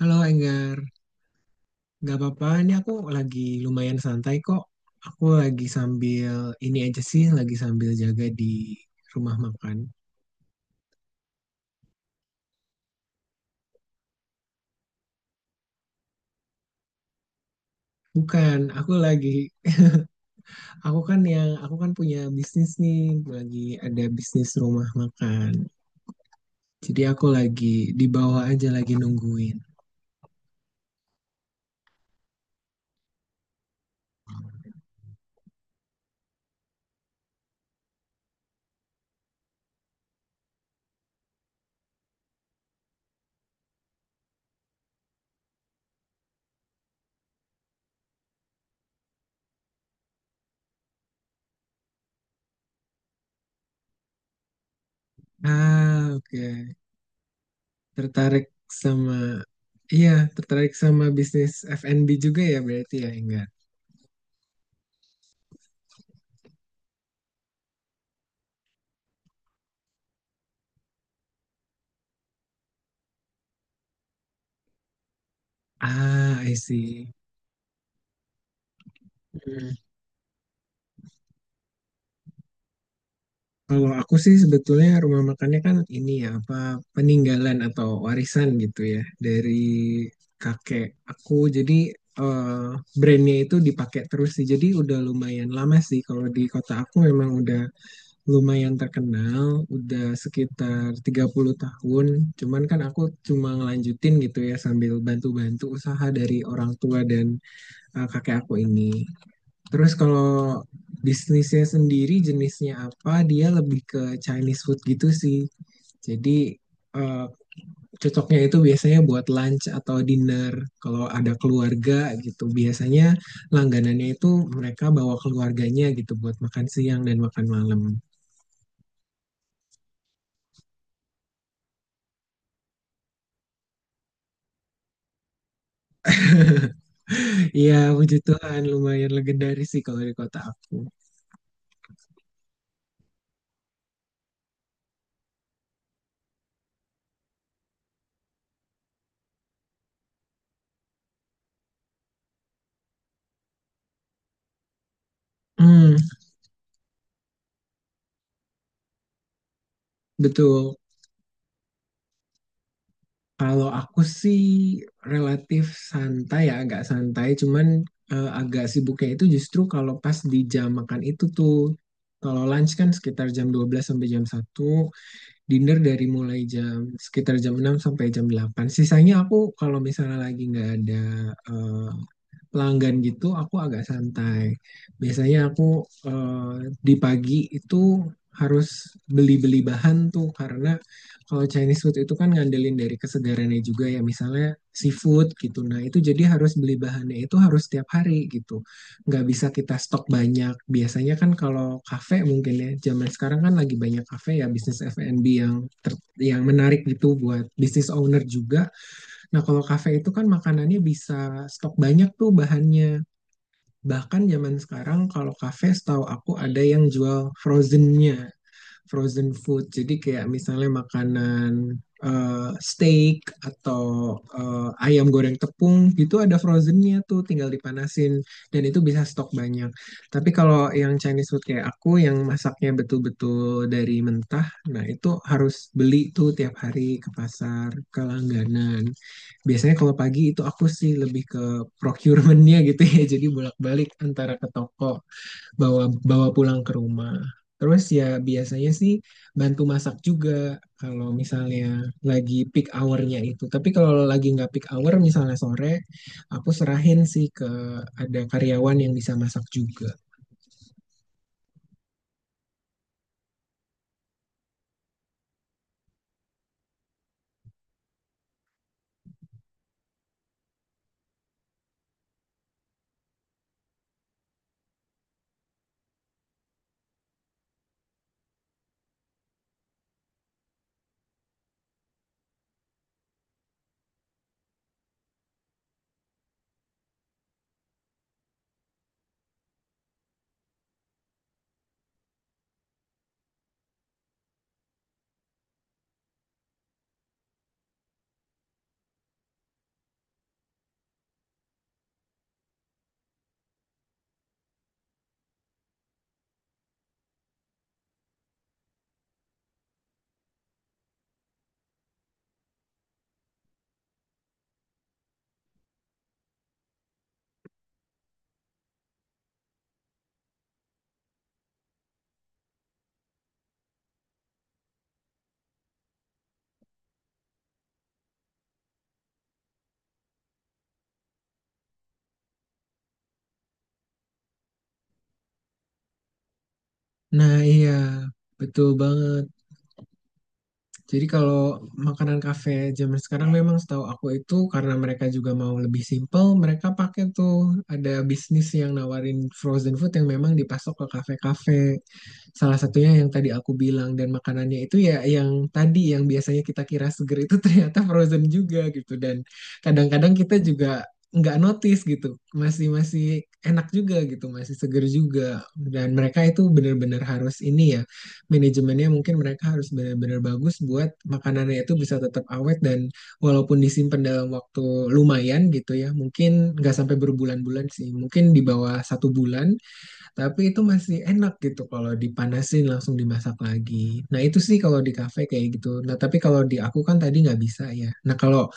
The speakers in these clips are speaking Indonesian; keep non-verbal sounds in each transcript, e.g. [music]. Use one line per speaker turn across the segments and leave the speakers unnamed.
Halo Enggar, nggak apa-apa. Ini aku lagi lumayan santai kok. Aku lagi sambil ini aja sih, lagi sambil jaga di rumah makan. Bukan, aku lagi, aku kan yang, aku kan punya bisnis nih, lagi ada bisnis rumah makan. Jadi aku lagi di bawah aja lagi nungguin. Ah, oke. Tertarik sama, iya, tertarik sama bisnis F&B juga ya berarti ya Enggar? Ah, I see. Hmm. Kalau aku sih sebetulnya rumah makannya kan ini ya apa peninggalan atau warisan gitu ya dari kakek aku. Jadi eh, brandnya itu dipakai terus sih. Jadi udah lumayan lama sih. Kalau di kota aku memang udah lumayan terkenal, udah sekitar 30 tahun. Cuman kan aku cuma ngelanjutin gitu ya sambil bantu-bantu usaha dari orang tua dan kakek aku ini. Terus kalau bisnisnya sendiri jenisnya apa, dia lebih ke Chinese food gitu sih. Jadi eh, cocoknya itu biasanya buat lunch atau dinner. Kalau ada keluarga gitu, biasanya langganannya itu mereka bawa keluarganya gitu buat makan siang dan makan malam. [laughs] Iya, puji Tuhan lumayan legendaris sih kalau di kota aku. Hmm, betul. Kalau aku sih relatif santai ya, agak santai. Cuman agak sibuknya itu justru kalau pas di jam makan itu tuh. Kalau lunch kan sekitar jam 12 sampai jam 1, dinner dari mulai jam sekitar jam 6 sampai jam 8. Sisanya aku kalau misalnya lagi nggak ada eh, pelanggan gitu aku agak santai. Biasanya aku di pagi itu harus beli-beli bahan tuh karena kalau Chinese food itu kan ngandelin dari kesegarannya juga ya misalnya seafood gitu. Nah itu jadi harus beli bahannya itu harus tiap hari gitu. Nggak bisa kita stok banyak. Biasanya kan kalau kafe mungkin ya zaman sekarang kan lagi banyak kafe ya bisnis F&B yang yang menarik gitu buat bisnis owner juga. Nah, kalau kafe itu kan makanannya bisa stok banyak tuh bahannya. Bahkan zaman sekarang kalau kafe setahu aku ada yang jual frozennya frozen food. Jadi kayak misalnya makanan steak atau ayam goreng tepung gitu ada frozennya tuh tinggal dipanasin dan itu bisa stok banyak. Tapi kalau yang Chinese food kayak aku yang masaknya betul-betul dari mentah, nah itu harus beli tuh tiap hari ke pasar, ke langganan. Biasanya kalau pagi itu aku sih lebih ke procurementnya gitu ya, [laughs] jadi bolak-balik antara ke toko bawa bawa pulang ke rumah. Terus ya biasanya sih bantu masak juga kalau misalnya lagi peak hour-nya itu. Tapi kalau lagi nggak peak hour misalnya sore, aku serahin sih ke ada karyawan yang bisa masak juga. Nah iya betul banget. Jadi kalau makanan kafe zaman sekarang memang setahu aku itu karena mereka juga mau lebih simple, mereka pakai tuh ada bisnis yang nawarin frozen food yang memang dipasok ke kafe-kafe. Salah satunya yang tadi aku bilang dan makanannya itu ya yang tadi yang biasanya kita kira seger itu [laughs] ternyata frozen juga gitu dan kadang-kadang kita juga nggak notice gitu masih masih enak juga gitu masih seger juga dan mereka itu benar-benar harus ini ya manajemennya mungkin mereka harus benar-benar bagus buat makanannya itu bisa tetap awet dan walaupun disimpan dalam waktu lumayan gitu ya mungkin nggak sampai berbulan-bulan sih mungkin di bawah 1 bulan tapi itu masih enak gitu kalau dipanasin langsung dimasak lagi. Nah itu sih kalau di kafe kayak gitu. Nah tapi kalau di aku kan tadi nggak bisa ya. Nah kalau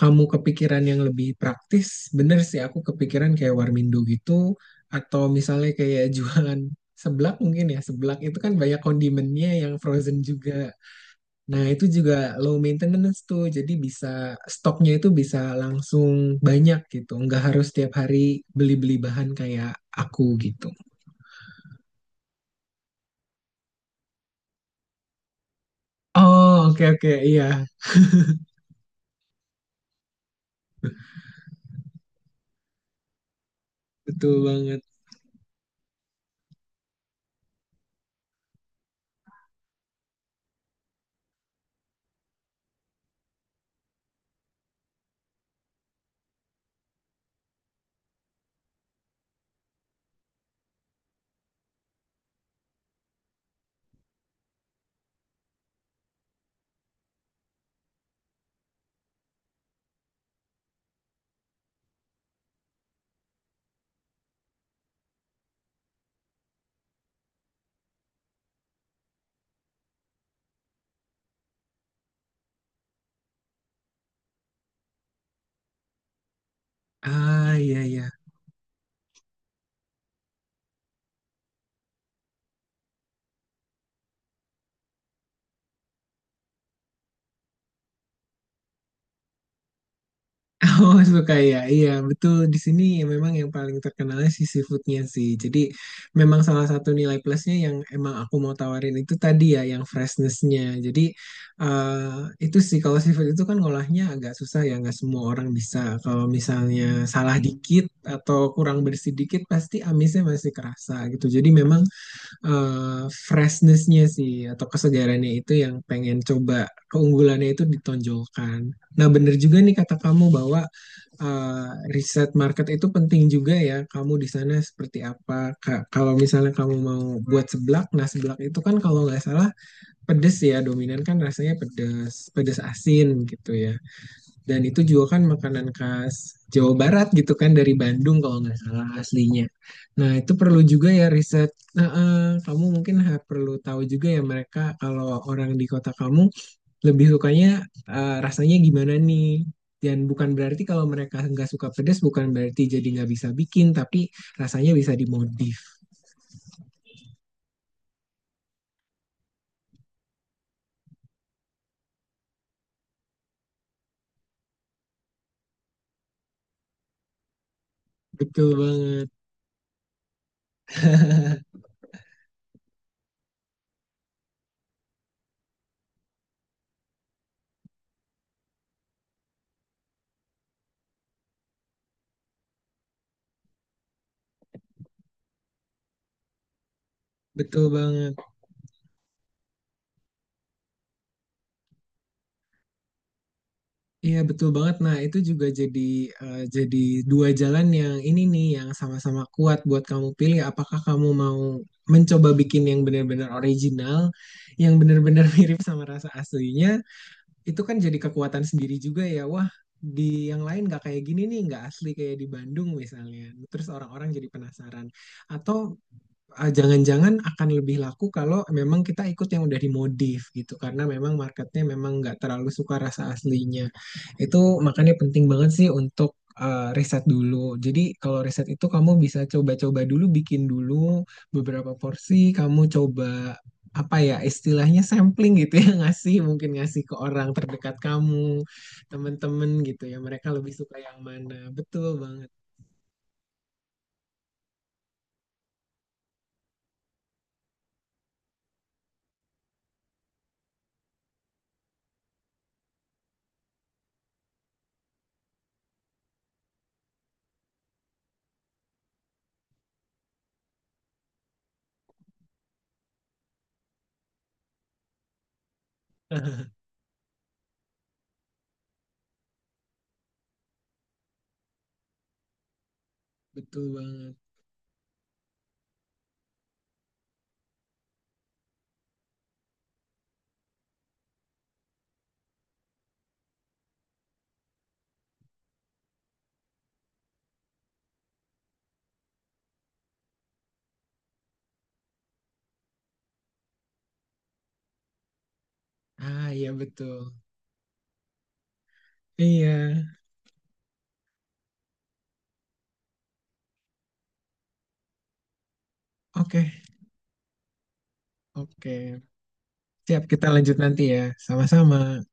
kamu kepikiran yang lebih praktis, bener sih aku kepikiran kayak warmindo gitu atau misalnya kayak [laughs] jualan seblak mungkin ya. Seblak itu kan banyak kondimennya yang frozen juga. Nah itu juga low maintenance tuh. Jadi bisa stoknya itu bisa langsung banyak gitu. Nggak harus tiap hari beli-beli bahan kayak aku gitu. Oh, oke oke. Iya, betul banget. Ah, iya iya. [laughs] Oh, suka ya. Iya, betul. Di sini memang yang paling terkenalnya si seafoodnya sih. Jadi memang salah satu nilai plusnya yang emang aku mau tawarin itu tadi ya, yang freshnessnya. Jadi eh, itu sih kalau seafood itu kan ngolahnya agak susah ya, nggak semua orang bisa. Kalau misalnya salah dikit atau kurang bersih dikit, pasti amisnya masih kerasa gitu. Jadi memang freshness-nya sih atau kesegarannya itu yang pengen coba keunggulannya itu ditonjolkan. Nah, bener juga nih kata kamu bahwa eh, riset market itu penting juga ya. Kamu di sana seperti apa? Kalau misalnya kamu mau buat seblak, nah seblak itu kan kalau nggak salah pedes ya, dominan kan rasanya pedes, pedes asin gitu ya. Dan itu juga kan makanan khas Jawa Barat gitu kan dari Bandung kalau nggak salah aslinya. Nah itu perlu juga ya riset. Nah, kamu mungkin perlu tahu juga ya mereka kalau orang di kota kamu lebih sukanya rasanya gimana nih. Dan bukan berarti kalau mereka nggak suka pedas bukan berarti jadi nggak bisa bikin tapi rasanya bisa dimodif. Betul banget, [laughs] betul banget. Iya betul banget. Nah, itu juga jadi eh, jadi dua jalan yang ini nih yang sama-sama kuat buat kamu pilih. Apakah kamu mau mencoba bikin yang benar-benar original, yang benar-benar [laughs] mirip sama rasa aslinya, itu kan jadi kekuatan sendiri juga ya. Wah, di yang lain nggak kayak gini nih, nggak asli kayak di Bandung misalnya. Terus orang-orang jadi penasaran. Atau ah, jangan-jangan akan lebih laku kalau memang kita ikut yang udah dimodif gitu karena memang marketnya memang nggak terlalu suka rasa aslinya. Itu makanya penting banget sih untuk riset dulu. Jadi kalau riset itu kamu bisa coba-coba dulu, bikin dulu beberapa porsi, kamu coba apa ya istilahnya sampling gitu ya [laughs] ngasih mungkin ngasih ke orang terdekat kamu, temen-temen gitu ya mereka lebih suka yang mana. Betul banget, [laughs] betul banget. Ah iya betul. Iya. Oke, oke. Siap, kita lanjut nanti ya. Sama-sama.